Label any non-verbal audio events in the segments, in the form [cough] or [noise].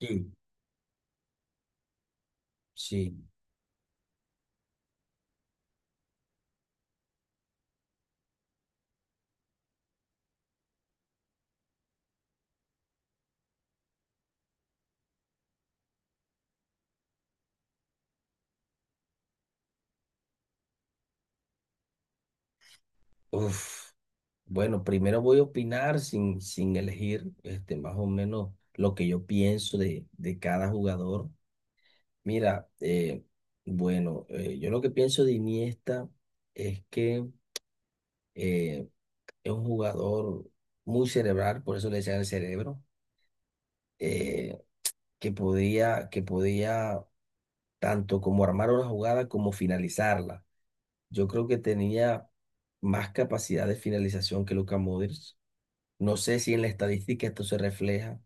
Sí, sí. Uf. Bueno, primero voy a opinar sin elegir este, más o menos lo que yo pienso de cada jugador. Mira, bueno, yo lo que pienso de Iniesta es que eh, es un jugador muy cerebral, por eso le decían el cerebro, eh, que podía tanto como armar una jugada como finalizarla. Yo creo que tenía más capacidad de finalización que Luka Modric. No sé si en la estadística esto se refleja,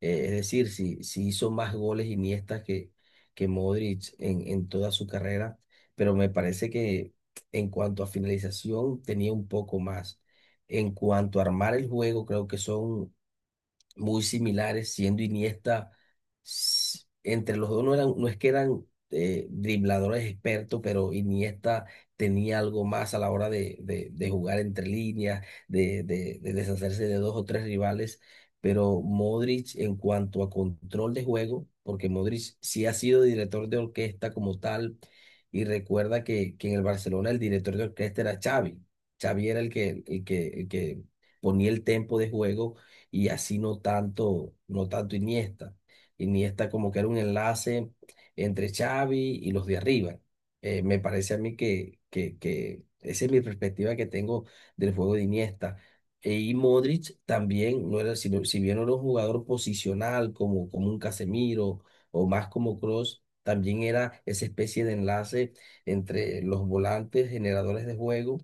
es decir, si hizo más goles Iniesta que Modric en toda su carrera, pero me parece que en cuanto a finalización tenía un poco más. En cuanto a armar el juego, creo que son muy similares, entre los dos no eran, no es que eran dribladores expertos, pero Iniesta tenía algo más a la hora de jugar entre líneas, de deshacerse de dos o tres rivales, pero Modric en cuanto a control de juego, porque Modric sí ha sido director de orquesta como tal, y recuerda que en el Barcelona el director de orquesta era Xavi. Xavi era el que ponía el tempo de juego y así no tanto, no tanto Iniesta. Iniesta como que era un enlace entre Xavi y los de arriba. Me parece a mí que esa es mi perspectiva que tengo del juego de Iniesta. Y Modric también, si bien no era un jugador posicional como un Casemiro o más como Kroos, también era esa especie de enlace entre los volantes generadores de juego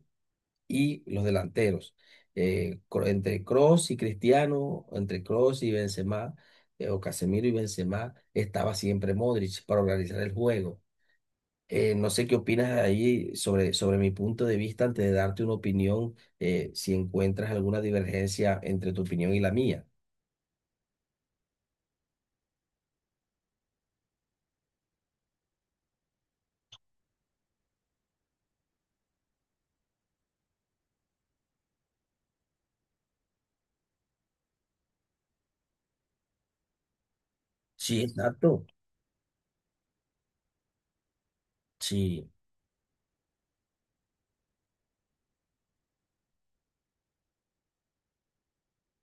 y los delanteros. Entre Kroos y Cristiano, entre Kroos y Benzema, o Casemiro y Benzema, estaba siempre Modric para organizar el juego. No sé qué opinas ahí sobre mi punto de vista antes de darte una opinión, si encuentras alguna divergencia entre tu opinión y la mía. Sí, exacto. Sí,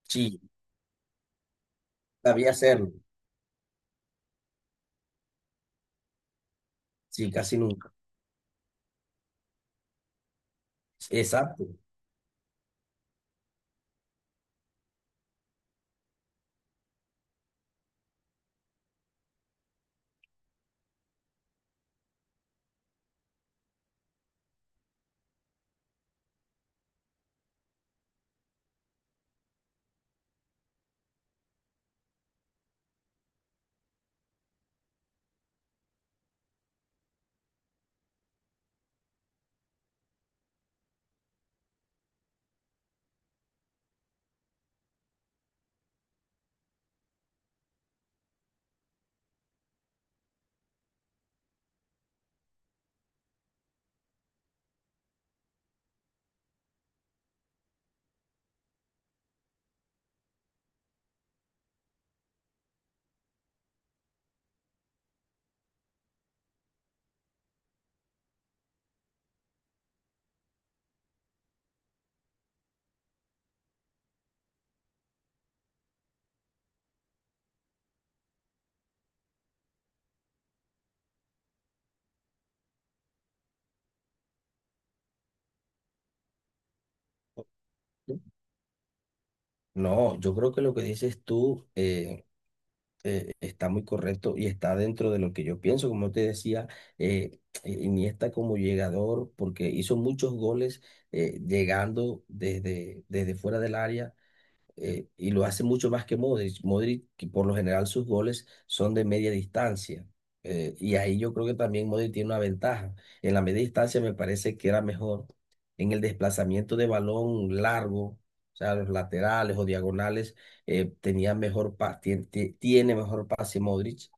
sí, sabía hacerlo. Sí, casi nunca. Exacto. No, yo creo que lo que dices tú, está muy correcto y está dentro de lo que yo pienso. Como te decía, Iniesta como llegador, porque hizo muchos goles llegando desde fuera del área y lo hace mucho más que Modric. Modric, que por lo general sus goles son de media distancia. Y ahí yo creo que también Modric tiene una ventaja. En la media distancia me parece que era mejor. En el desplazamiento de balón largo, o sea, los laterales o diagonales, tenía mejor pa- tien- tie- tiene mejor pase Modric.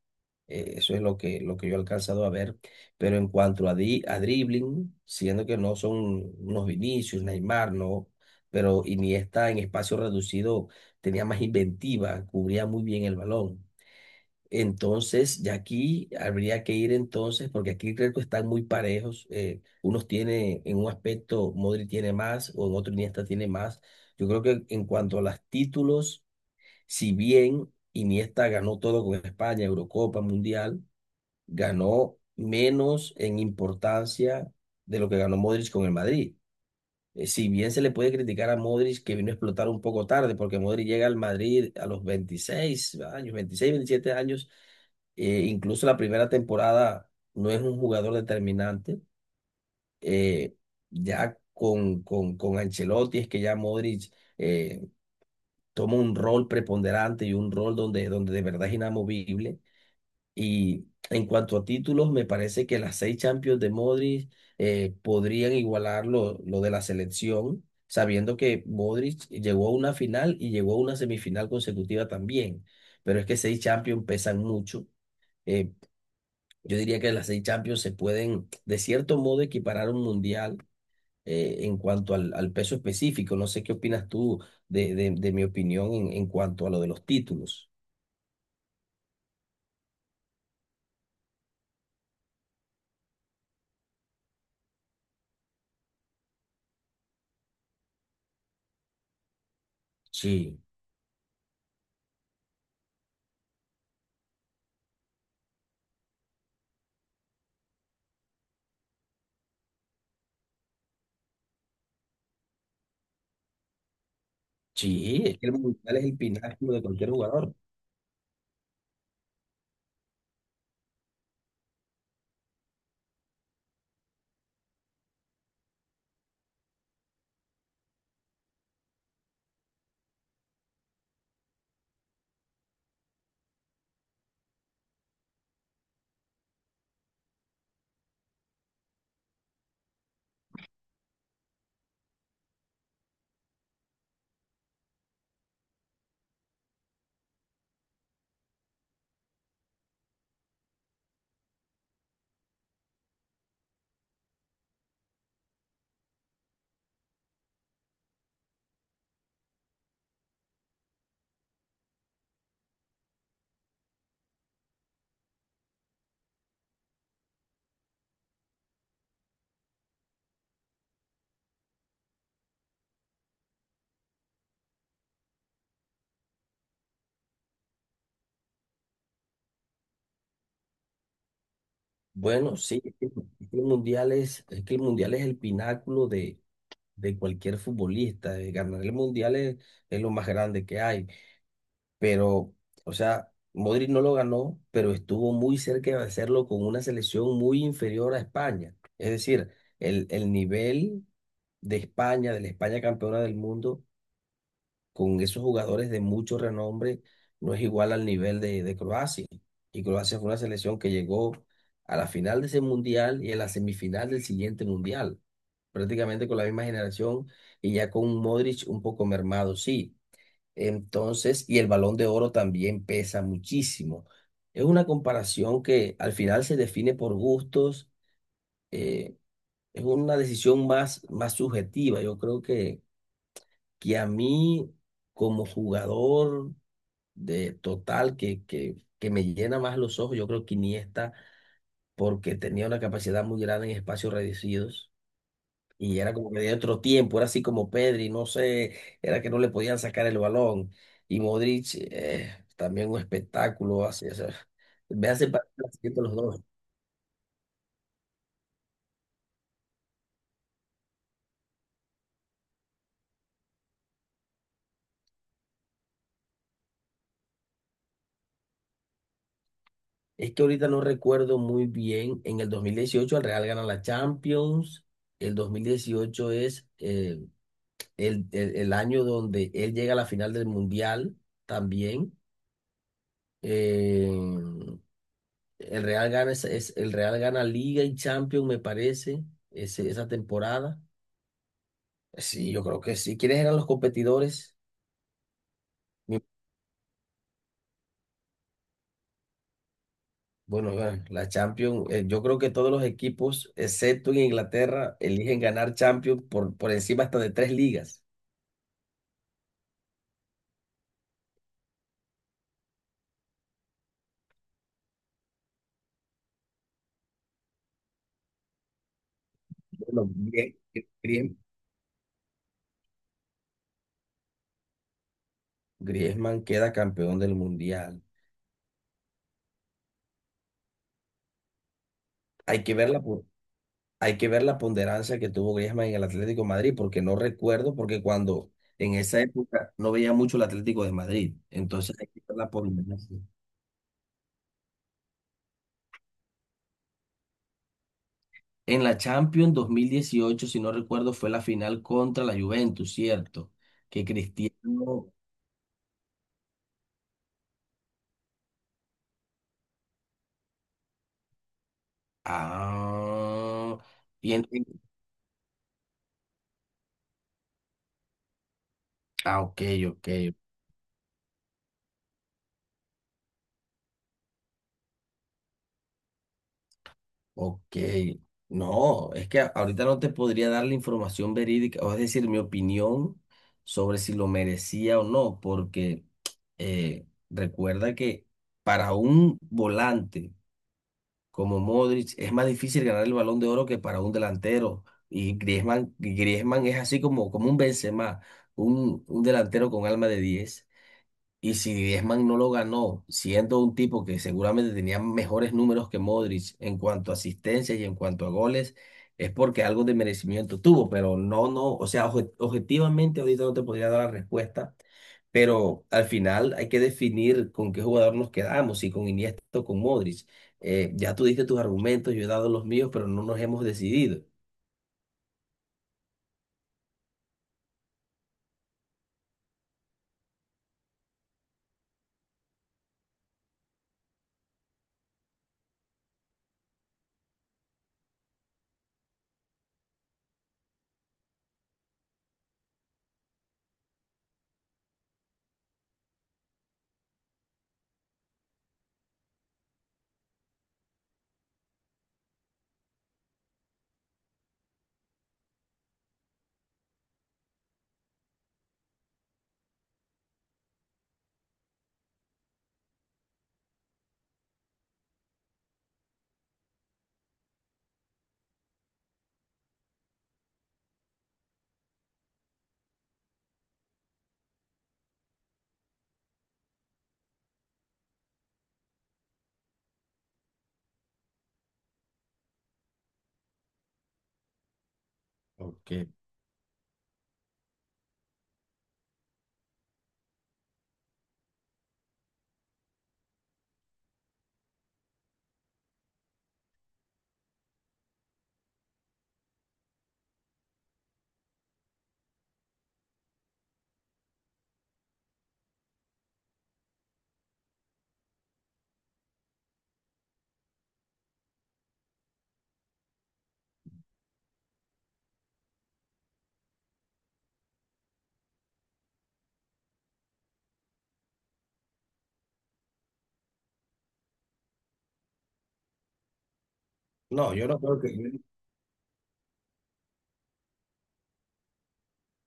Eso es lo que yo he alcanzado a ver. Pero en cuanto a dribbling, siendo que no son unos Vinicius, Neymar, no, pero Iniesta en espacio reducido tenía más inventiva, cubría muy bien el balón. Entonces, ya aquí habría que ir entonces, porque aquí creo que están muy parejos. Unos tiene, en un aspecto, Modri tiene más, o en otro Iniesta tiene más. Yo creo que en cuanto a los títulos, si bien Iniesta ganó todo con España, Eurocopa, Mundial, ganó menos en importancia de lo que ganó Modric con el Madrid. Si bien se le puede criticar a Modric que vino a explotar un poco tarde, porque Modric llega al Madrid a los 26 años, 26, 27 años, incluso la primera temporada no es un jugador determinante. Eh, ya con Ancelotti es que ya Modric eh, toma un rol preponderante y un rol donde, de verdad es inamovible y en cuanto a títulos, me parece que las seis Champions de Modric podrían igualar lo de la selección, sabiendo que Modric llegó a una final y llegó a una semifinal consecutiva también. Pero es que seis Champions pesan mucho. Eh, yo diría que las seis Champions se pueden, de cierto modo, equiparar a un mundial en cuanto al peso específico. No sé qué opinas tú de mi opinión en cuanto a lo de los títulos. Sí, sí, sí, es que el mundial es el pináculo de cualquier jugador. Bueno, sí, es que es que el mundial es el pináculo de cualquier futbolista. Ganar el mundial es lo más grande que hay. Pero, o sea, Modric no lo ganó, pero estuvo muy cerca de hacerlo con una selección muy inferior a España. Es decir, el nivel de España, de la España campeona del mundo, con esos jugadores de mucho renombre no es igual al nivel de Croacia. Y Croacia fue una selección que llegó a la final de ese mundial y a la semifinal del siguiente mundial, prácticamente con la misma generación y ya con un Modric un poco mermado, sí. Entonces, y el Balón de Oro también pesa muchísimo. Es una comparación que al final se define por gustos, eh, es una decisión más subjetiva. Yo creo que, a mí como jugador de total que me llena más los ojos. Yo creo que Iniesta, porque tenía una capacidad muy grande en espacios reducidos y era como que de otro tiempo, era así como Pedri, no sé, era que no le podían sacar el balón. Y Modric, también un espectáculo, así, o sea, me hace partir los dos. Es que ahorita no recuerdo muy bien, en el 2018 el Real gana la Champions. El 2018 es el año donde él llega a la final del Mundial también. Eh, el Real gana, el Real gana Liga y Champions, me parece, esa temporada. Sí, yo creo que sí. ¿Quiénes eran los competidores? Mi- Bueno, bueno, la Champions, yo creo que todos los equipos, excepto en Inglaterra, eligen ganar Champions por encima hasta de tres ligas. Bueno, bien, bien. Griezmann queda campeón del Mundial. Hay que verla Hay que ver la ponderancia que tuvo Griezmann en el Atlético de Madrid, porque no recuerdo, porque cuando en esa época no veía mucho el Atlético de Madrid. Entonces hay que ver la ponderancia. En la Champions 2018, si no recuerdo, fue la final contra la Juventus, ¿cierto? Que Cristiano. Ah, y en- en- ok, ok, ok, no, es que ahorita no te podría dar la información verídica, o es decir, mi opinión sobre si lo merecía o no, porque recuerda que para un volante como Modric es más difícil ganar el Balón de Oro que para un delantero, y Griezmann es así como un Benzema, un delantero con alma de 10. Y si Griezmann no lo ganó, siendo un tipo que seguramente tenía mejores números que Modric en cuanto a asistencias y en cuanto a goles, es porque algo de merecimiento tuvo, pero no, no, o sea, objetivamente ahorita no te podría dar la respuesta, pero al final hay que definir con qué jugador nos quedamos, si con Iniesta o con Modric. Ya tú diste tus argumentos, yo he dado los míos, pero no nos hemos decidido. Ok. No,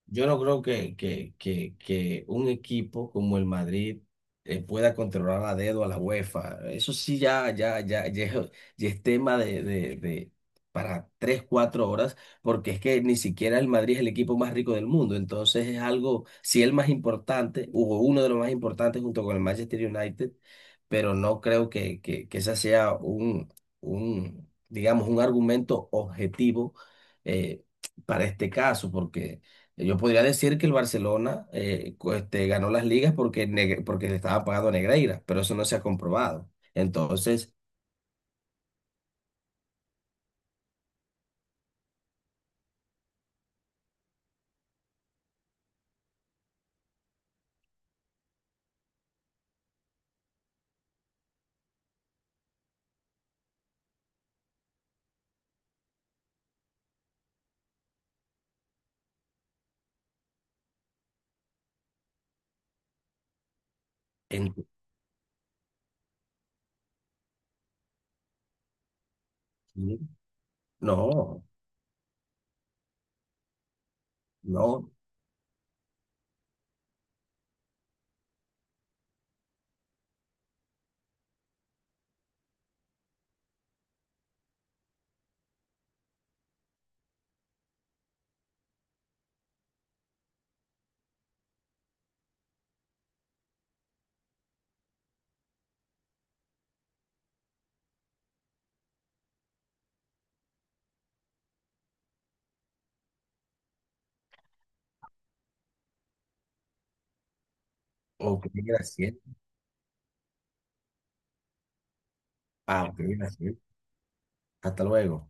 yo no creo que un equipo como el Madrid pueda controlar a dedo a la UEFA. Eso sí, ya, ya, ya, ya, [laughs] es ya es tema de para 3, 4 horas, porque es que ni siquiera el Madrid es el equipo más rico del mundo. Entonces es algo, sí, el más importante, hubo uno de los más importantes junto con el Manchester United, pero no creo que ese sea digamos, un argumento objetivo eh, para este caso, porque. Yo podría decir que el Barcelona ganó las ligas porque le estaba pagando a Negreira, pero eso no se ha comprobado. Entonces, en- no, no, ok, gracias. Ah, ok, gracias. Hasta luego.